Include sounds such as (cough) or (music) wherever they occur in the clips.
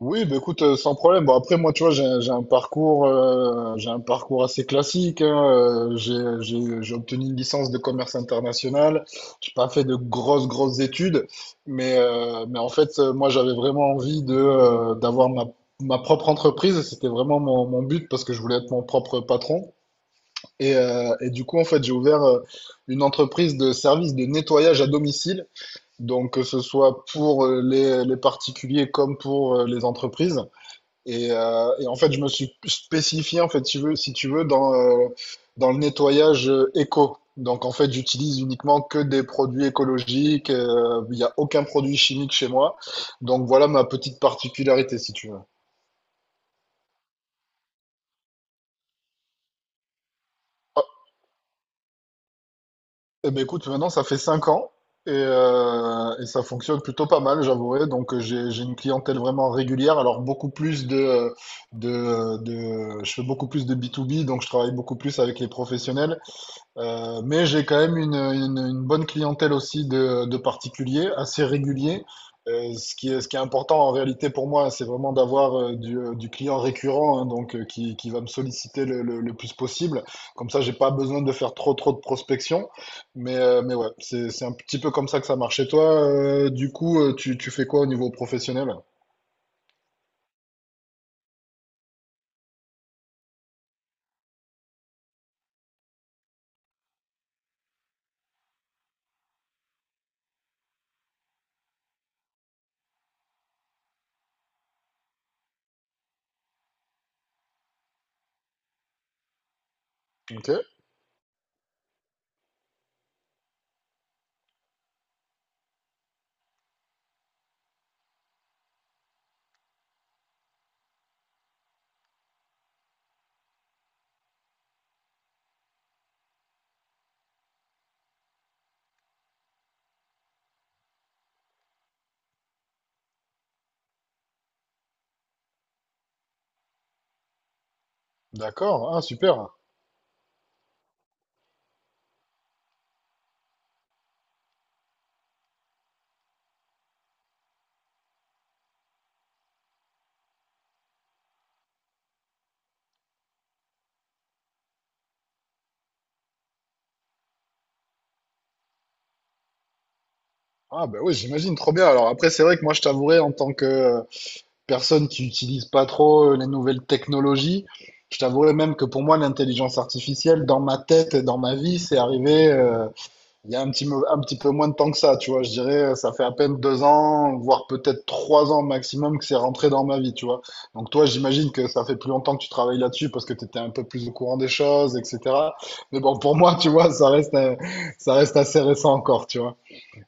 Oui, bah écoute, sans problème. Bon, après, moi, tu vois, j'ai un parcours assez classique, hein. J'ai obtenu une licence de commerce international. J'ai pas fait de grosses, grosses études, mais en fait, moi, j'avais vraiment envie d'avoir ma propre entreprise. C'était vraiment mon but parce que je voulais être mon propre patron. Et du coup, en fait, j'ai ouvert une entreprise de service de nettoyage à domicile. Donc, que ce soit pour les particuliers comme pour les entreprises. Et en fait, je me suis spécifié, en fait, si tu veux, dans le nettoyage éco. Donc, en fait, j'utilise uniquement que des produits écologiques. Il n'y a aucun produit chimique chez moi. Donc, voilà ma petite particularité, si tu veux. Ah, eh ben, écoute, maintenant, ça fait 5 ans et ça fonctionne plutôt pas mal, j'avouerai. Donc, j'ai une clientèle vraiment régulière. Alors, beaucoup plus de, euh, de, je fais beaucoup plus de B2B, donc je travaille beaucoup plus avec les professionnels. Mais j'ai quand même une bonne clientèle aussi de particuliers, assez réguliers. Ce qui est important en réalité pour moi, c'est vraiment d'avoir du client récurrent, hein, donc qui va me solliciter le plus possible. Comme ça, j'ai pas besoin de faire trop trop de prospection. Mais ouais, c'est un petit peu comme ça que ça marche. Et toi, du coup, tu fais quoi au niveau professionnel? Ok, d'accord, ah, super. Ah ben oui, j'imagine, trop bien. Alors après, c'est vrai que moi, je t'avouerai en tant que personne qui n'utilise pas trop les nouvelles technologies. Je t'avouerai même que pour moi, l'intelligence artificielle, dans ma tête et dans ma vie, c'est arrivé il y a un petit peu moins de temps que ça. Tu vois, je dirais, ça fait à peine 2 ans, voire peut-être 3 ans maximum que c'est rentré dans ma vie. Tu vois. Donc toi, j'imagine que ça fait plus longtemps que tu travailles là-dessus parce que tu étais un peu plus au courant des choses, etc. Mais bon, pour moi, tu vois, ça reste assez récent encore. Tu vois.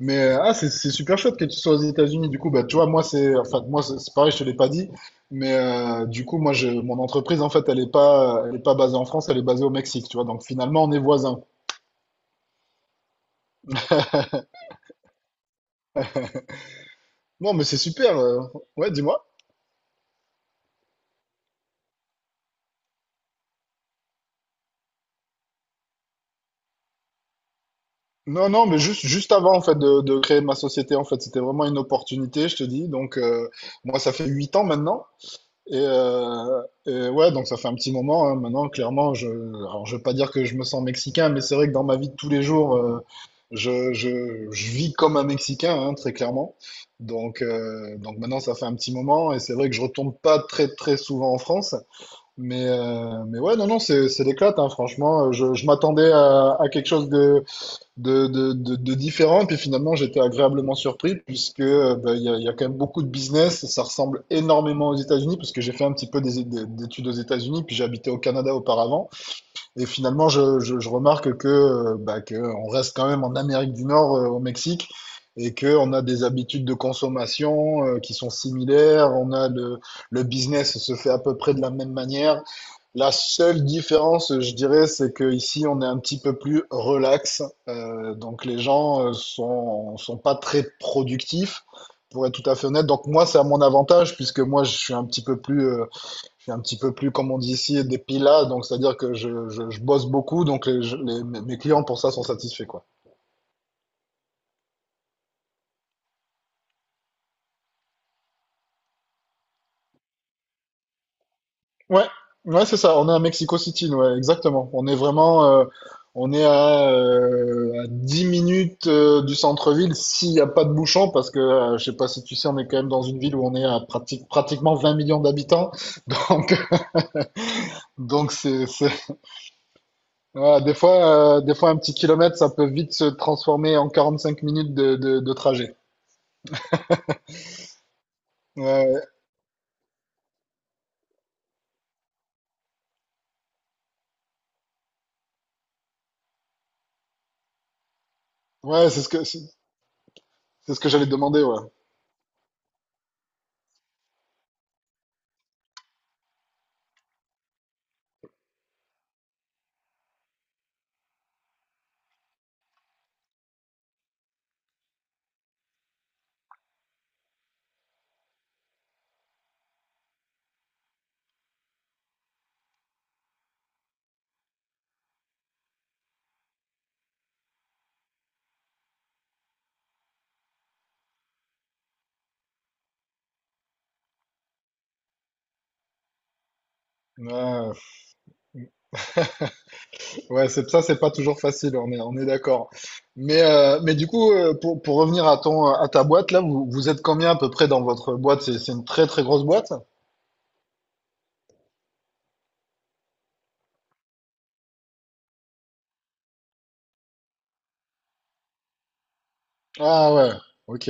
Mais ah, c'est super chouette que tu sois aux États-Unis. Du coup, bah, tu vois, moi, c'est enfin, moi, c'est pareil, je te l'ai pas dit. Mais du coup, moi, mon entreprise, en fait, elle est pas basée en France, elle est basée au Mexique, tu vois. Donc finalement, on est voisins. Non, mais c'est super. Ouais, dis-moi. Non, non, mais juste avant, en fait, de créer ma société, en fait, c'était vraiment une opportunité, je te dis. Donc, moi, ça fait 8 ans maintenant. Et ouais, donc ça fait un petit moment, hein. Maintenant, clairement, alors je veux pas dire que je me sens mexicain, mais c'est vrai que dans ma vie de tous les jours, je vis comme un Mexicain, hein, très clairement. Donc, maintenant, ça fait un petit moment, et c'est vrai que je retourne pas très très souvent en France, mais ouais, non, non, c'est l'éclate, hein, franchement. Je m'attendais à quelque chose de différents. Puis finalement, j'étais agréablement surpris puisque ben, il y a quand même beaucoup de business. Ça ressemble énormément aux États-Unis parce que j'ai fait un petit peu d'études aux États-Unis, puis j'habitais au Canada auparavant. Et finalement, je remarque que, bah, que on reste quand même en Amérique du Nord, au Mexique. Et que on a des habitudes de consommation qui sont similaires, on a le business se fait à peu près de la même manière, la seule différence, je dirais, c'est que ici on est un petit peu plus relax. Donc, les gens sont pas très productifs, pour être tout à fait honnête. Donc, moi, c'est à mon avantage, puisque moi, je suis un petit peu plus, comme on dit ici, des pilas. Donc, c'est-à-dire que je bosse beaucoup. Donc, les, je- les- mes mes clients, pour ça, sont satisfaits, quoi. Ouais, ouais, c'est ça. On est à Mexico City, nous, ouais, exactement. On est vraiment, à 10 minutes du centre-ville s'il n'y a pas de bouchon, parce que je sais pas si tu sais, on est quand même dans une ville où on est à pratiquement 20 millions d'habitants. (laughs) Donc, donc, voilà, des fois un petit kilomètre, ça peut vite se transformer en 45 minutes de trajet. Ouais, ouais, c'est ce que j'allais te demander, ouais. Ouais. Ouais, c'est ça, c'est pas toujours facile, on est d'accord. Mais du coup, pour revenir à à ta boîte, là, vous êtes combien à peu près dans votre boîte? C'est une très très grosse boîte? Ah ouais, ok.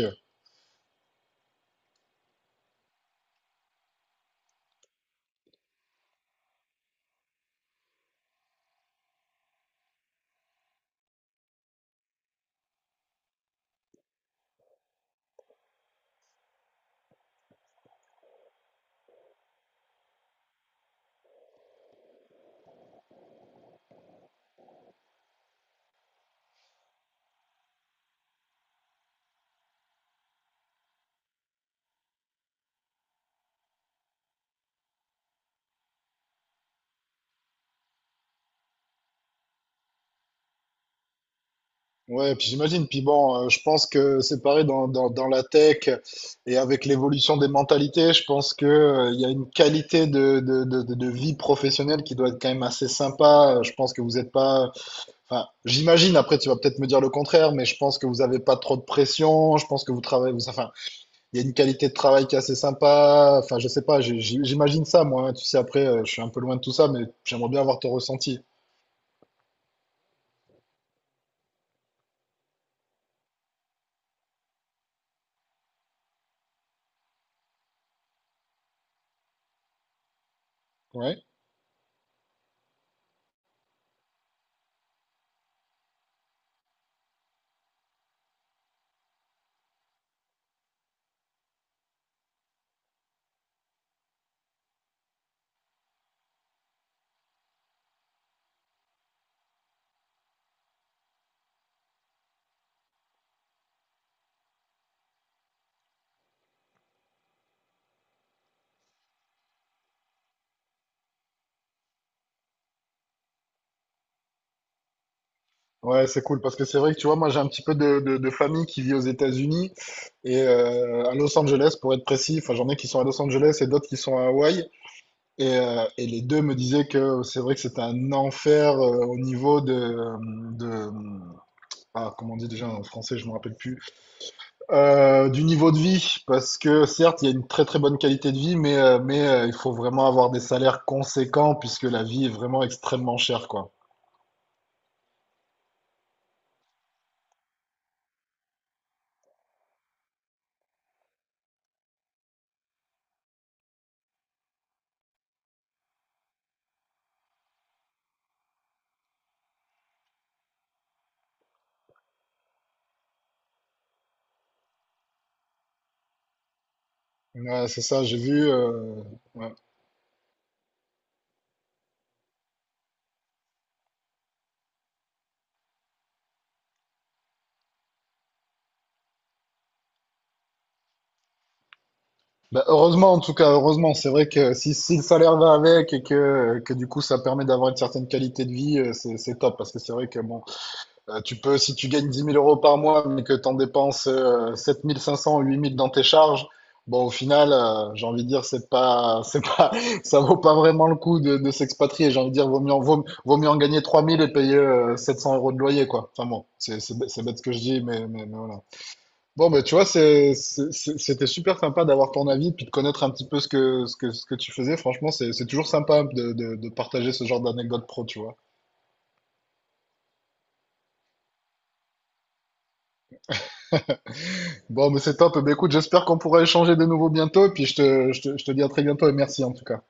Ouais, puis j'imagine. Puis bon, je pense que c'est pareil dans la tech et avec l'évolution des mentalités, je pense que, il y a une qualité de vie professionnelle qui doit être quand même assez sympa. Je pense que vous n'êtes pas. Enfin, j'imagine, après tu vas peut-être me dire le contraire, mais je pense que vous n'avez pas trop de pression. Je pense que vous travaillez. Vous. Enfin, il y a une qualité de travail qui est assez sympa. Enfin, je sais pas, j'imagine ça, moi, hein. Tu sais, après, je suis un peu loin de tout ça, mais j'aimerais bien avoir ton ressenti. Ouais. Ouais, c'est cool parce que c'est vrai que tu vois, moi j'ai un petit peu de famille qui vit aux États-Unis et à Los Angeles pour être précis. Enfin, j'en ai qui sont à Los Angeles et d'autres qui sont à Hawaï. Et les deux me disaient que c'est vrai que c'était un enfer au niveau de ah, comment on dit déjà en français, je me rappelle plus. Du niveau de vie, parce que certes, il y a une très très bonne qualité de vie, mais, il faut vraiment avoir des salaires conséquents, puisque la vie est vraiment extrêmement chère, quoi. Ouais, c'est ça, j'ai vu. Ouais. Bah, heureusement, en tout cas, heureusement, c'est vrai que si le salaire va avec et que du coup ça permet d'avoir une certaine qualité de vie, c'est top, parce que c'est vrai que bon, tu peux, si tu gagnes 10 000 euros par mois, mais que tu en dépenses 7 500 ou 8 000 dans tes charges, bon, au final, j'ai envie de dire, c'est pas, (laughs) ça vaut pas vraiment le coup de s'expatrier. J'ai envie de dire, vaut mieux en gagner 3 000 et payer 700 euros de loyer, quoi. Enfin bon, c'est bête ce que je dis, mais voilà. Bon, ben, tu vois, c'était super sympa d'avoir ton avis, puis de connaître un petit peu ce que tu faisais. Franchement, c'est toujours sympa de partager ce genre d'anecdote pro, tu vois. Bon, mais c'est top. Eh ben, écoute, j'espère qu'on pourra échanger de nouveau bientôt. Et puis je te dis à très bientôt et merci en tout cas.